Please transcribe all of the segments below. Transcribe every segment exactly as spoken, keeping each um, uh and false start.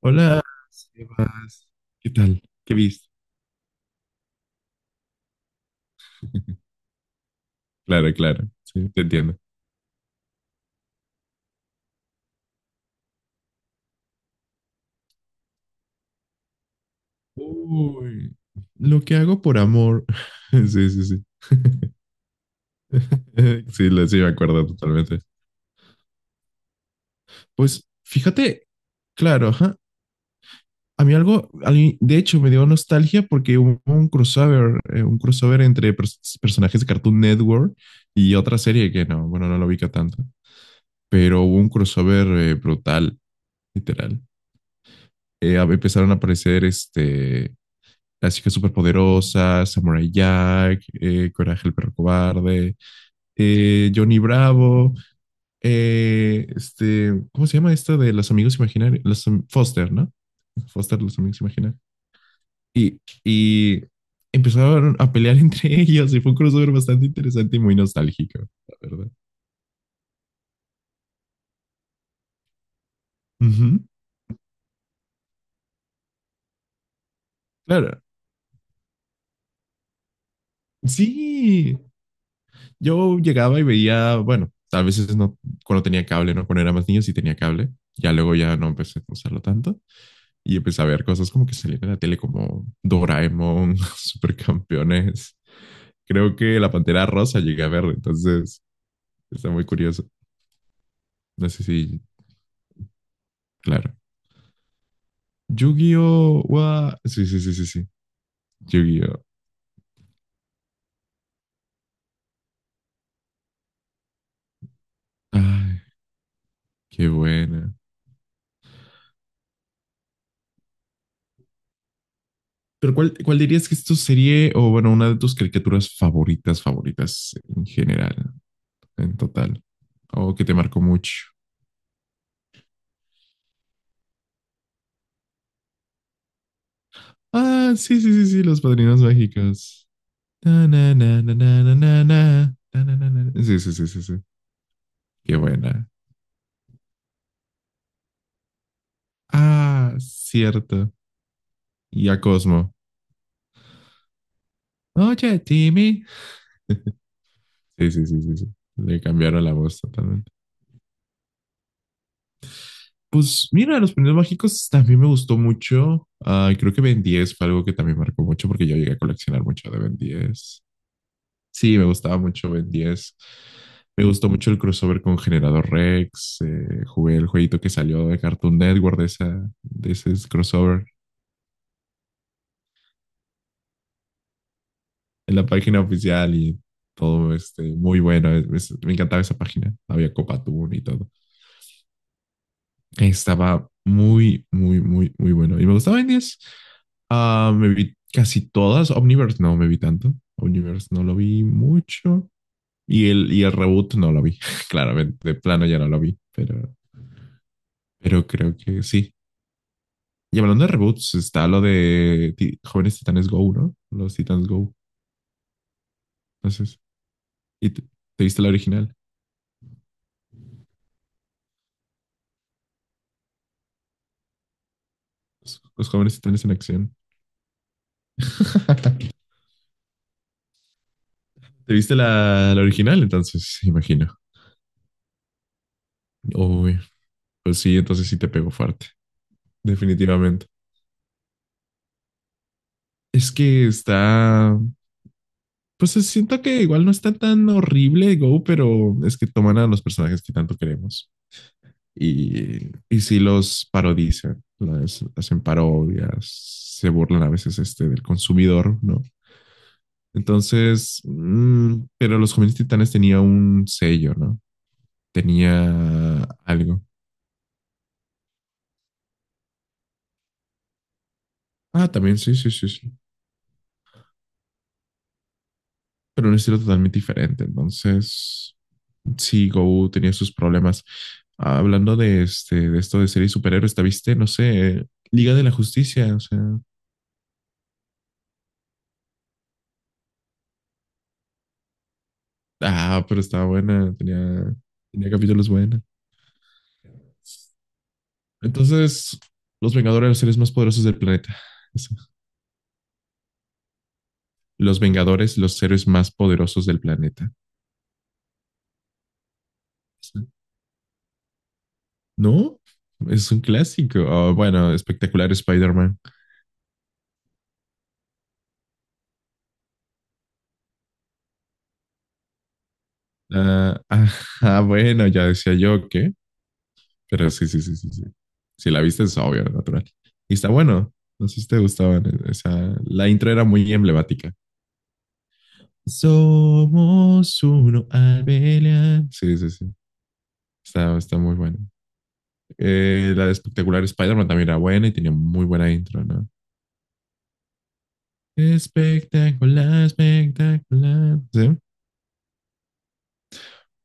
Hola, ¿qué más? ¿Qué tal? ¿Qué viste? Claro, claro, sí, te entiendo. Uy, lo que hago por amor. Sí, sí, sí. Sí, lo- sí, me acuerdo totalmente. Pues fíjate, claro, ajá. A mí algo, a mí, de hecho, me dio nostalgia porque hubo un crossover, eh, un crossover entre pers- personajes de Cartoon Network y otra serie que no, bueno, no lo ubica tanto, pero hubo un crossover eh, brutal, literal. Eh, a- empezaron a aparecer este, Las Chicas Superpoderosas, Samurai Jack, eh, Coraje el Perro Cobarde, eh, Johnny Bravo, eh, este, ¿cómo se llama esta de los amigos imaginarios? Los, Foster, ¿no? Foster, los amigos imaginarios. Y, y empezaron a pelear entre ellos y fue un crossover bastante interesante y muy nostálgico, la verdad. Uh -huh. Claro, sí, yo llegaba y veía, bueno, a veces no, cuando tenía cable, ¿no? Cuando era más niño sí tenía cable, ya luego ya no empecé a usarlo tanto, y empecé a ver cosas como que salían en la tele como Doraemon, Supercampeones. Creo que La Pantera Rosa llegué a ver, entonces está muy curioso. No sé si, claro. ¡Yu-Gi-Oh! Wa- Sí, sí, sí, sí, sí. ¡Yu-Gi-Oh! Ay, qué buena. Pero ¿cuál, cuál dirías que es tu serie o, bueno, una de tus caricaturas favoritas, favoritas en general, en total? O que te marcó mucho. Ah, sí, sí, sí, sí, Los Padrinos Mágicos. Na, na, na, na, na, na, na, na, na, na, na, sí, sí, sí, sí, sí. Qué buena. Ah, cierto. Y a Cosmo. Oye, Timmy. Sí, sí, sí, sí, sí. Le cambiaron la voz totalmente. Pues mira, los primeros mágicos también me gustó mucho. Ah, creo que Ben diez fue algo que también marcó mucho porque yo llegué a coleccionar mucho de Ben diez. Sí, me gustaba mucho Ben diez. Me gustó mucho el crossover con Generador Rex. Eh, jugué el jueguito que salió de Cartoon Network de, esa, de ese crossover en la página oficial y todo este, muy bueno. Es- es- me encantaba esa página. Había Copa Tour y todo. Estaba muy, muy, muy, muy bueno. Y me gustaba Indies. Ah, me vi casi todas. Omniverse no me vi tanto. Omniverse no lo vi mucho. Y el, y el reboot no lo vi. Claramente, de plano ya no lo vi. Pero, pero creo que sí. Y hablando de reboots, está lo de Ti- Jóvenes Titanes Go, ¿no? Los Titans Go. Entonces, ¿y te, te viste la original? Los, los Jóvenes Titanes en Acción. ¿Te viste la, la original entonces? Imagino. Uy, pues sí, entonces sí te pegó fuerte. Definitivamente. Es que está... Pues siento que igual no está tan horrible Go, pero es que toman a los personajes que tanto queremos y, y sí los parodizan, las, hacen parodias, se burlan a veces este, del consumidor, ¿no? Entonces, mmm, pero los jóvenes titanes tenía un sello, ¿no? Tenía algo. Ah, también, sí, sí, sí, sí, pero un estilo totalmente diferente. Entonces, sí, Go tenía sus problemas. Ah, hablando de, este, de esto de series superhéroes, ¿te viste? No sé, Liga de la Justicia, o sea, ah, pero estaba buena, tenía, tenía capítulos buenos. Entonces, los Vengadores, los seres más poderosos del planeta. Eso. Los Vengadores, los seres más poderosos del planeta. Eso. ¿No? Es un clásico. Oh, bueno, espectacular Spider-Man. Ah, ah, ah, bueno, ya decía yo que... Pero sí, sí, sí, sí, sí. Si la viste es obvio, natural. Y está bueno. No sé si te gustaban. Esa... La intro era muy emblemática. Somos uno al pelear. Sí, sí, sí. Está, está muy bueno. Eh, la de espectacular Spider-Man también era buena y tenía muy buena intro, ¿no? Espectacular, espectacular. ¿Sí?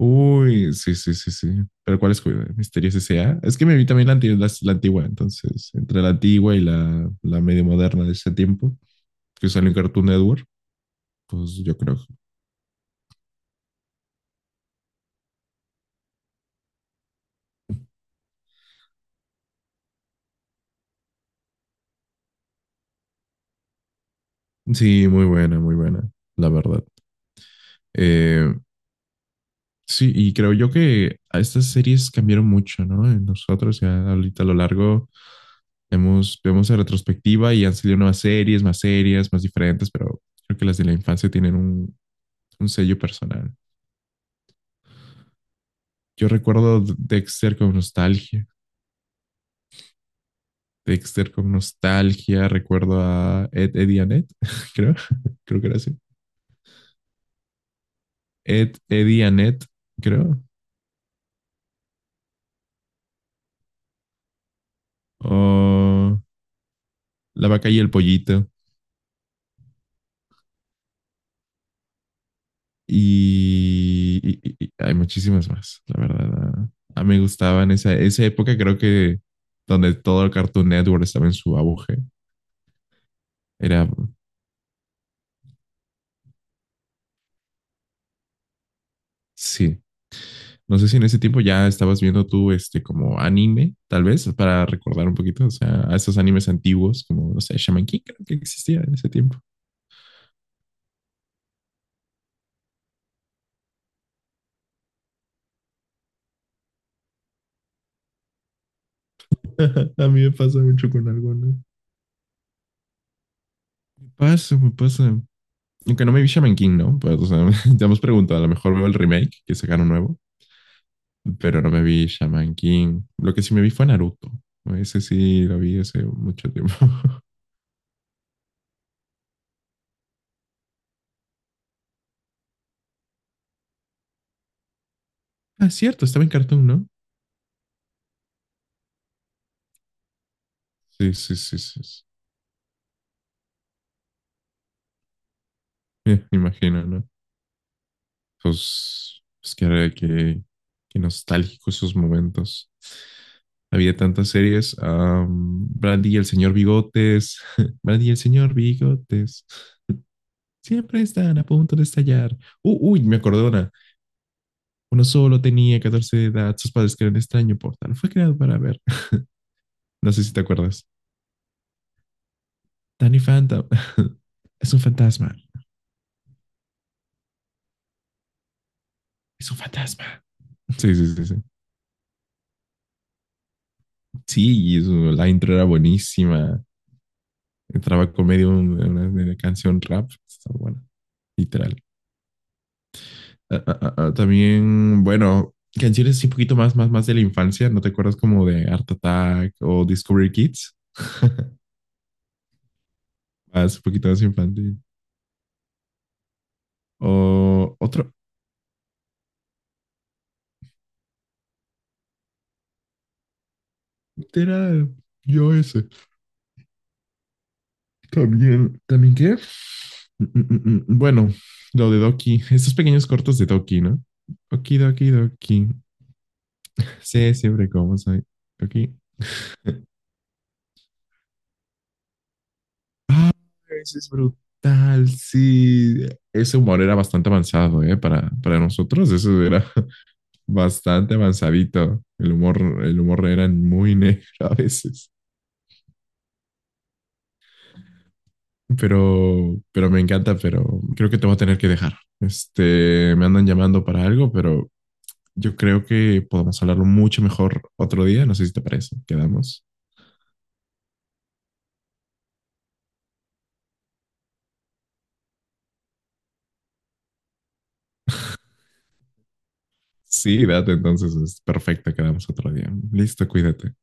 Uy, sí, sí, sí, sí. Pero ¿cuál es Misterios ese a? Es que me vi también la, anti- las- la antigua, entonces, entre la antigua y la, la medio moderna de ese tiempo, que salió en Cartoon Network, pues yo creo. Sí, muy buena, muy buena, la verdad. Eh, sí, y creo yo que a estas series cambiaron mucho, ¿no? Eh, nosotros ya ahorita a lo largo hemos, vemos la retrospectiva y han salido nuevas series, más series, más diferentes, pero creo que las de la infancia tienen un, un sello personal. Yo recuerdo Dexter con nostalgia. Dexter con nostalgia. Recuerdo a Ed, Eddie y Annette, creo. Creo que era así. Ed, Eddie y Annette, creo. O La vaca y el pollito. Y, y- y- hay muchísimas más, la verdad. A, a mí me gustaban esa, esa época, creo que donde todo el Cartoon Network estaba en su auge. Era, sí. No sé si en ese tiempo ya estabas viendo tú este como anime, tal vez, para recordar un poquito, o sea, a esos animes antiguos, como, no sé, Shaman King creo que existía en ese tiempo. A mí me pasa mucho con algo, ¿no? Me pasa, me pasa. Aunque no me vi Shaman King, ¿no? Pues, o sea, ya hemos preguntado, a lo mejor veo el remake que sacaron nuevo, pero no me vi Shaman King. Lo que sí me vi fue Naruto. Ese sí lo vi hace mucho tiempo. Ah, es cierto, estaba en Cartoon, ¿no? Sí, sí, sí, sí, sí. Eh, Me imagino, ¿no? Pues, pues que, que, que nostálgico esos momentos. Había tantas series. Um, Brandy y el señor Bigotes. Brandy y el señor Bigotes. Siempre están a punto de estallar. Uh, uy, me acordé de una. Uno solo tenía catorce de edad, sus padres crean extraño portal. Fue creado para ver. No sé si te acuerdas. Danny Phantom. Es un fantasma. Es un fantasma. Sí, sí, sí, sí. Sí, y eso, la intro era buenísima. Entraba con medio de una, una canción rap. Está buena, literal. Ah, ah, ah, ah, también, bueno, canciones así un poquito más, más, más de la infancia. ¿No te acuerdas como de Art Attack o Discovery Kids? Más, un poquito más infantil. O otro, era yo ese. También, ¿también qué? Mm, mm, mm, mm. Bueno, lo de Doki, estos pequeños cortos de Doki, ¿no? Doki, Doki, Doki. Sí, siempre como soy. Doki. Eso es brutal, sí. Ese humor era bastante avanzado, ¿eh? Para, para nosotros, eso era bastante avanzadito. El humor, el humor era muy negro a veces. Pero, pero me encanta, pero creo que te voy a tener que dejar. Este, me andan llamando para algo, pero yo creo que podemos hablarlo mucho mejor otro día. No sé si te parece. Quedamos. Sí, date entonces. Es perfecto. Quedamos otro día. Listo, cuídate.